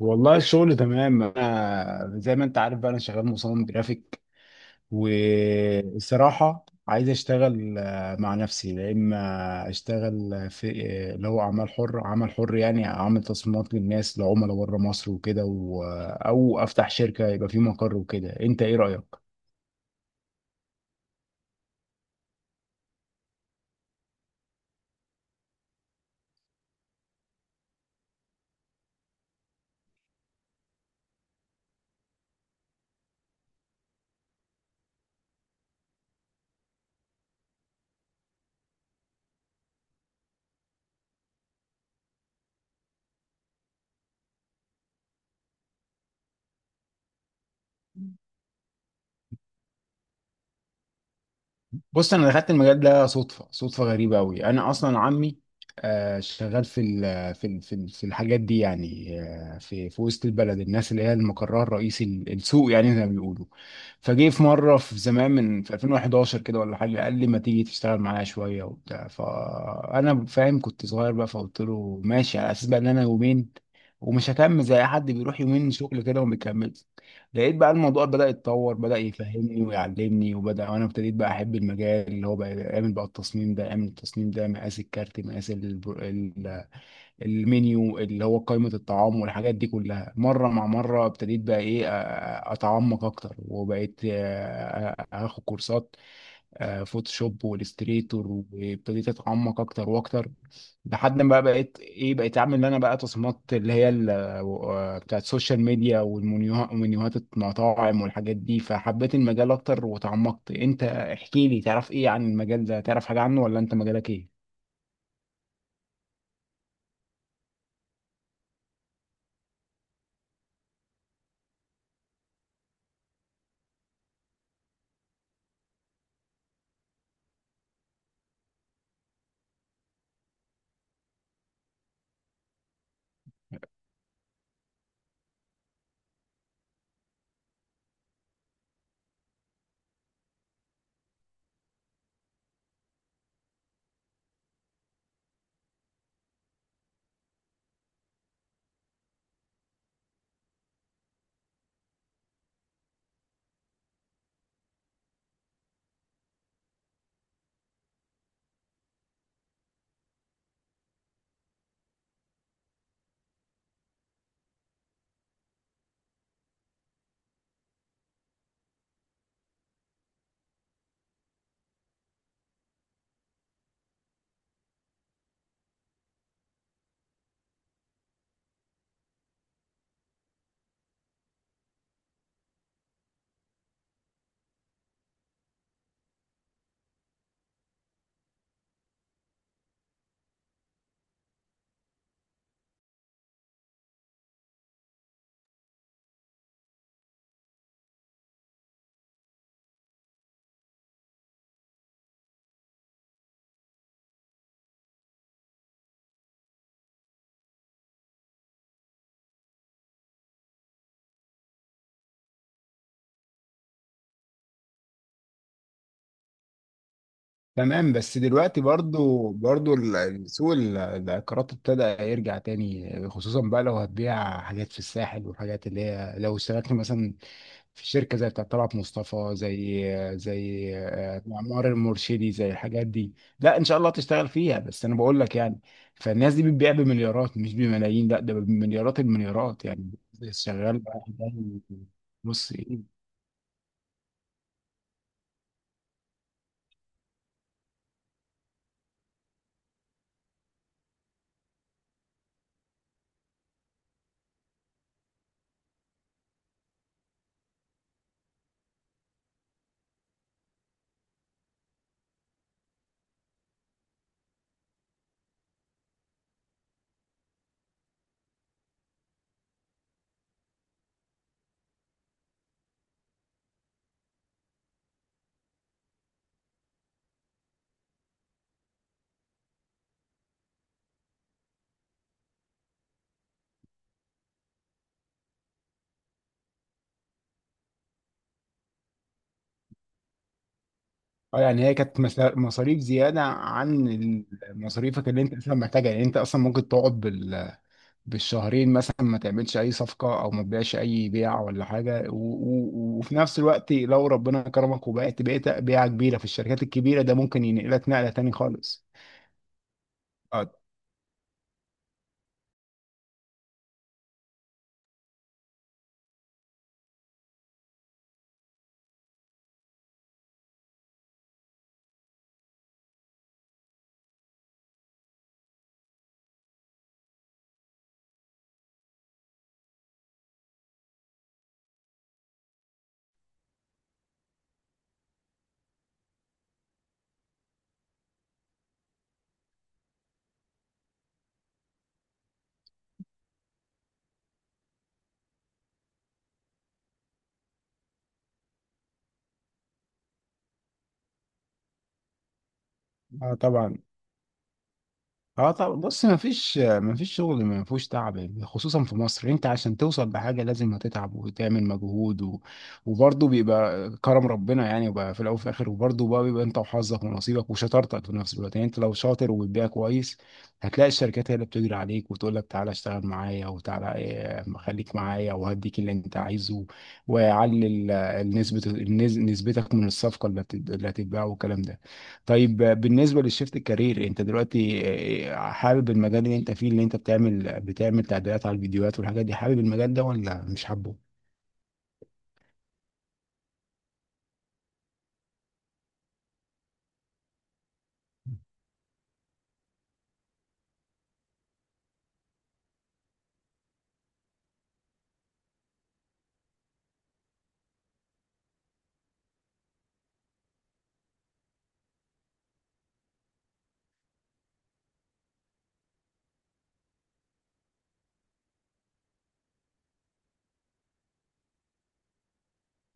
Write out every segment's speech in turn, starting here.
والله الشغل تمام، انا زي ما انت عارف بقى انا شغال مصمم جرافيك. والصراحه عايز اشتغل مع نفسي، يا اما اشتغل في اللي هو اعمال حر عمل حر، يعني اعمل تصميمات للناس لعملاء بره مصر وكده او افتح شركه يبقى في مقر وكده. انت ايه رايك؟ بص انا دخلت المجال ده صدفه، صدفه غريبه قوي. انا اصلا عمي شغال في الحاجات دي يعني، في وسط البلد، الناس اللي هي المقرها الرئيسي السوق يعني زي ما بيقولوا. فجه في مره في زمان في 2011 كده ولا حاجه، قال لي ما تيجي تشتغل معايا شويه وبتاع، فانا فاهم كنت صغير بقى، فقلت له ماشي على اساس بقى ان انا يومين ومش هكمل زي أي حد بيروح يومين شغل كده وما بيكمل. لقيت بقى الموضوع بدأ يتطور، بدأ يفهمني ويعلمني، وبدأ وانا ابتديت بقى احب المجال، اللي هو بقى يعمل بقى التصميم ده، يعمل التصميم ده مقاس الكارت، مقاس المنيو اللي هو قائمة الطعام والحاجات دي كلها. مرة مع مرة ابتديت بقى ايه اتعمق اكتر، وبقيت اخد كورسات فوتوشوب والاستريتور، وابتديت اتعمق اكتر واكتر. لحد ما بقى بقيت ايه، بقيت اعمل انا بقى تصميمات، اللي هي بتاعت السوشيال ميديا والمنيوهات ومنيوهات المطاعم والحاجات دي. فحبيت المجال اكتر وتعمقت. انت احكي لي، تعرف ايه عن المجال ده؟ تعرف حاجة عنه ولا انت مجالك ايه؟ تمام، بس دلوقتي برضو سوق العقارات ابتدى يرجع تاني، خصوصا بقى لو هتبيع حاجات في الساحل والحاجات اللي هي، لو اشتغلت مثلا في شركة زي بتاعة طلعت مصطفى، زي معمار المرشدي، زي الحاجات دي. لا ان شاء الله تشتغل فيها، بس انا بقول لك يعني، فالناس دي بتبيع بمليارات مش بملايين، لا ده بمليارات، المليارات يعني. شغال بقى؟ بص إيه؟ اه يعني هي كانت مصاريف زيادة عن مصاريفك اللي انت اصلا محتاجها يعني. انت اصلا ممكن تقعد بالشهرين مثلا ما تعملش اي صفقة او ما تبيعش اي بيع ولا حاجة، وفي نفس الوقت لو ربنا كرمك وبقيت، بيعة كبيرة في الشركات الكبيرة ده، ممكن ينقلك نقلة تاني خالص. اه. آه طبعا. اه طب بص، ما فيش شغل ما فيهوش تعب، خصوصا في مصر. انت عشان توصل بحاجه لازم هتتعب وتعمل مجهود وبرضه بيبقى كرم ربنا يعني، وبقى في الاول وفي الاخر، وبرضه بقى بيبقى انت وحظك ونصيبك وشطارتك في نفس الوقت يعني. انت لو شاطر وبتبيع كويس هتلاقي الشركات هي اللي بتجري عليك، وتقول لك تعالى اشتغل معايا وتعالى خليك معايا وهديك اللي انت عايزه، واعلي النسبه، نسبتك من الصفقه اللي هتتباع والكلام ده. طيب بالنسبة للشيفت الكارير، انت دلوقتي حابب المجال اللي انت فيه، اللي انت بتعمل تعديلات على الفيديوهات والحاجات دي، حابب المجال ده ولا مش حابه؟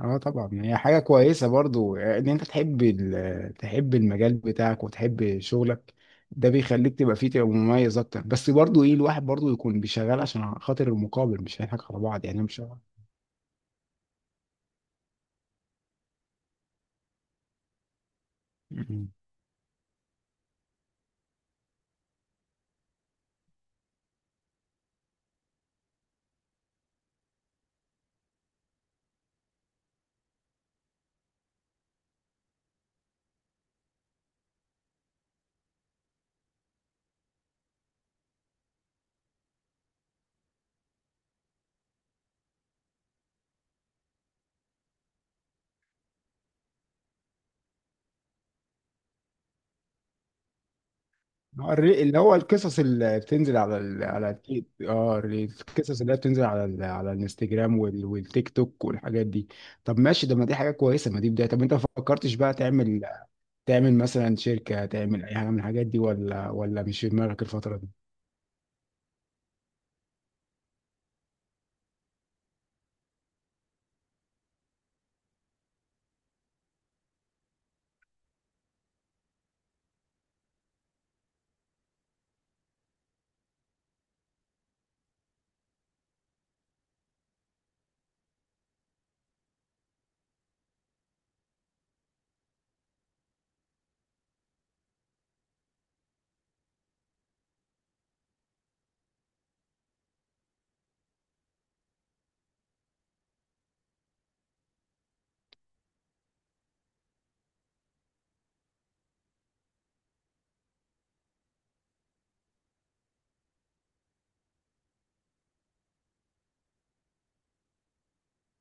اه طبعا، هي حاجة كويسة برضو ان انت تحب تحب المجال بتاعك وتحب شغلك. ده بيخليك تبقى فيه، تبقى مميز اكتر، بس برضو ايه، الواحد برضو يكون بيشغل عشان خاطر المقابل، مش هنضحك على بعض يعني، مش اللي هو القصص اللي بتنزل على على التيك، اه القصص اللي هي بتنزل على على الانستجرام والتيك توك والحاجات دي. طب ماشي، ده ما دي حاجه كويسه، ما دي بدايه. طب انت ما فكرتش بقى تعمل، مثلا شركه، تعمل اي حاجه من الحاجات دي، ولا مش في دماغك الفتره دي؟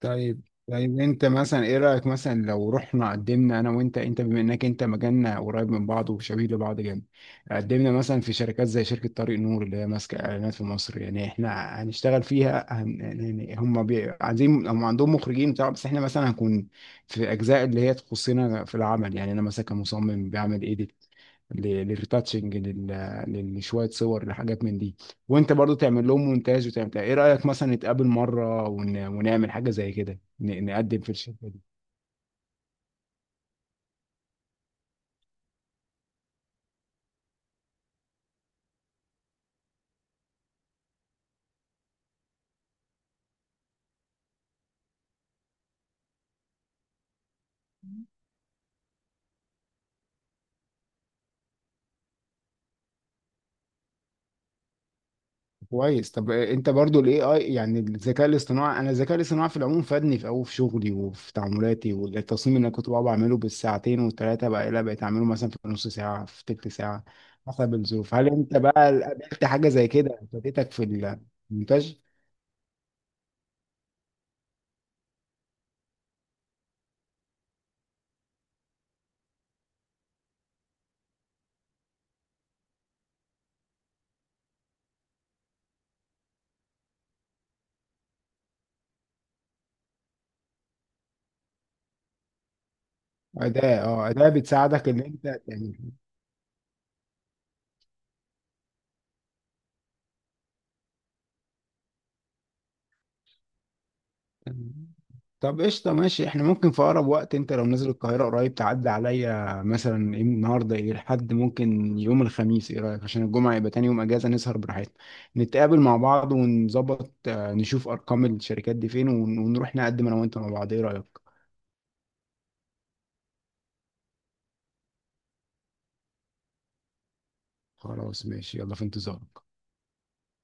طيب، طيب انت مثلا ايه رأيك، مثلا لو رحنا قدمنا انا وانت، انت بما انك انت مجالنا قريب من بعض وشبيه لبعض جامد، قدمنا مثلا في شركات زي شركة طريق نور اللي هي ماسكة اعلانات في مصر يعني. احنا هنشتغل فيها يعني هم عايزين، هم عندهم مخرجين بتاع، بس احنا مثلا هنكون في اجزاء اللي هي تخصنا في العمل يعني. انا مثلا كمصمم بعمل ايديت للريتاتشنج لشوية صور، لحاجات من دي، وانت برضو تعمل لهم مونتاج وتعمل بتاع. ايه رأيك مثلا نتقابل مرة ونعمل حاجة زي كده، نقدم في الشركة دي؟ كويس. طب انت برضو الاي اي يعني الذكاء الاصطناعي، انا الذكاء الاصطناعي في العموم فادني في قوي في شغلي وفي تعاملاتي، والتصميم اللي انا كنت بقعد بعمله بالساعتين والثلاثة، بقى لا بقيت اعمله مثلا في نص ساعة، في تلت ساعة حسب الظروف. هل انت بقى قابلت حاجة زي كده فادتك في المونتاج؟ أداة، اه أداة بتساعدك إن أنت يعني. طب قشطة ماشي، احنا ممكن في أقرب وقت، انت لو نزل القاهرة قريب تعدي عليا، مثلا ايه النهاردة، ايه لحد ممكن يوم الخميس، ايه رأيك؟ عشان الجمعة يبقى تاني يوم أجازة، نسهر براحتنا، نتقابل مع بعض ونظبط، نشوف أرقام الشركات دي فين، ونروح نقدم أنا وأنت مع بعض. ايه رأيك؟ خلاص ماشي، يلا في انتظارك.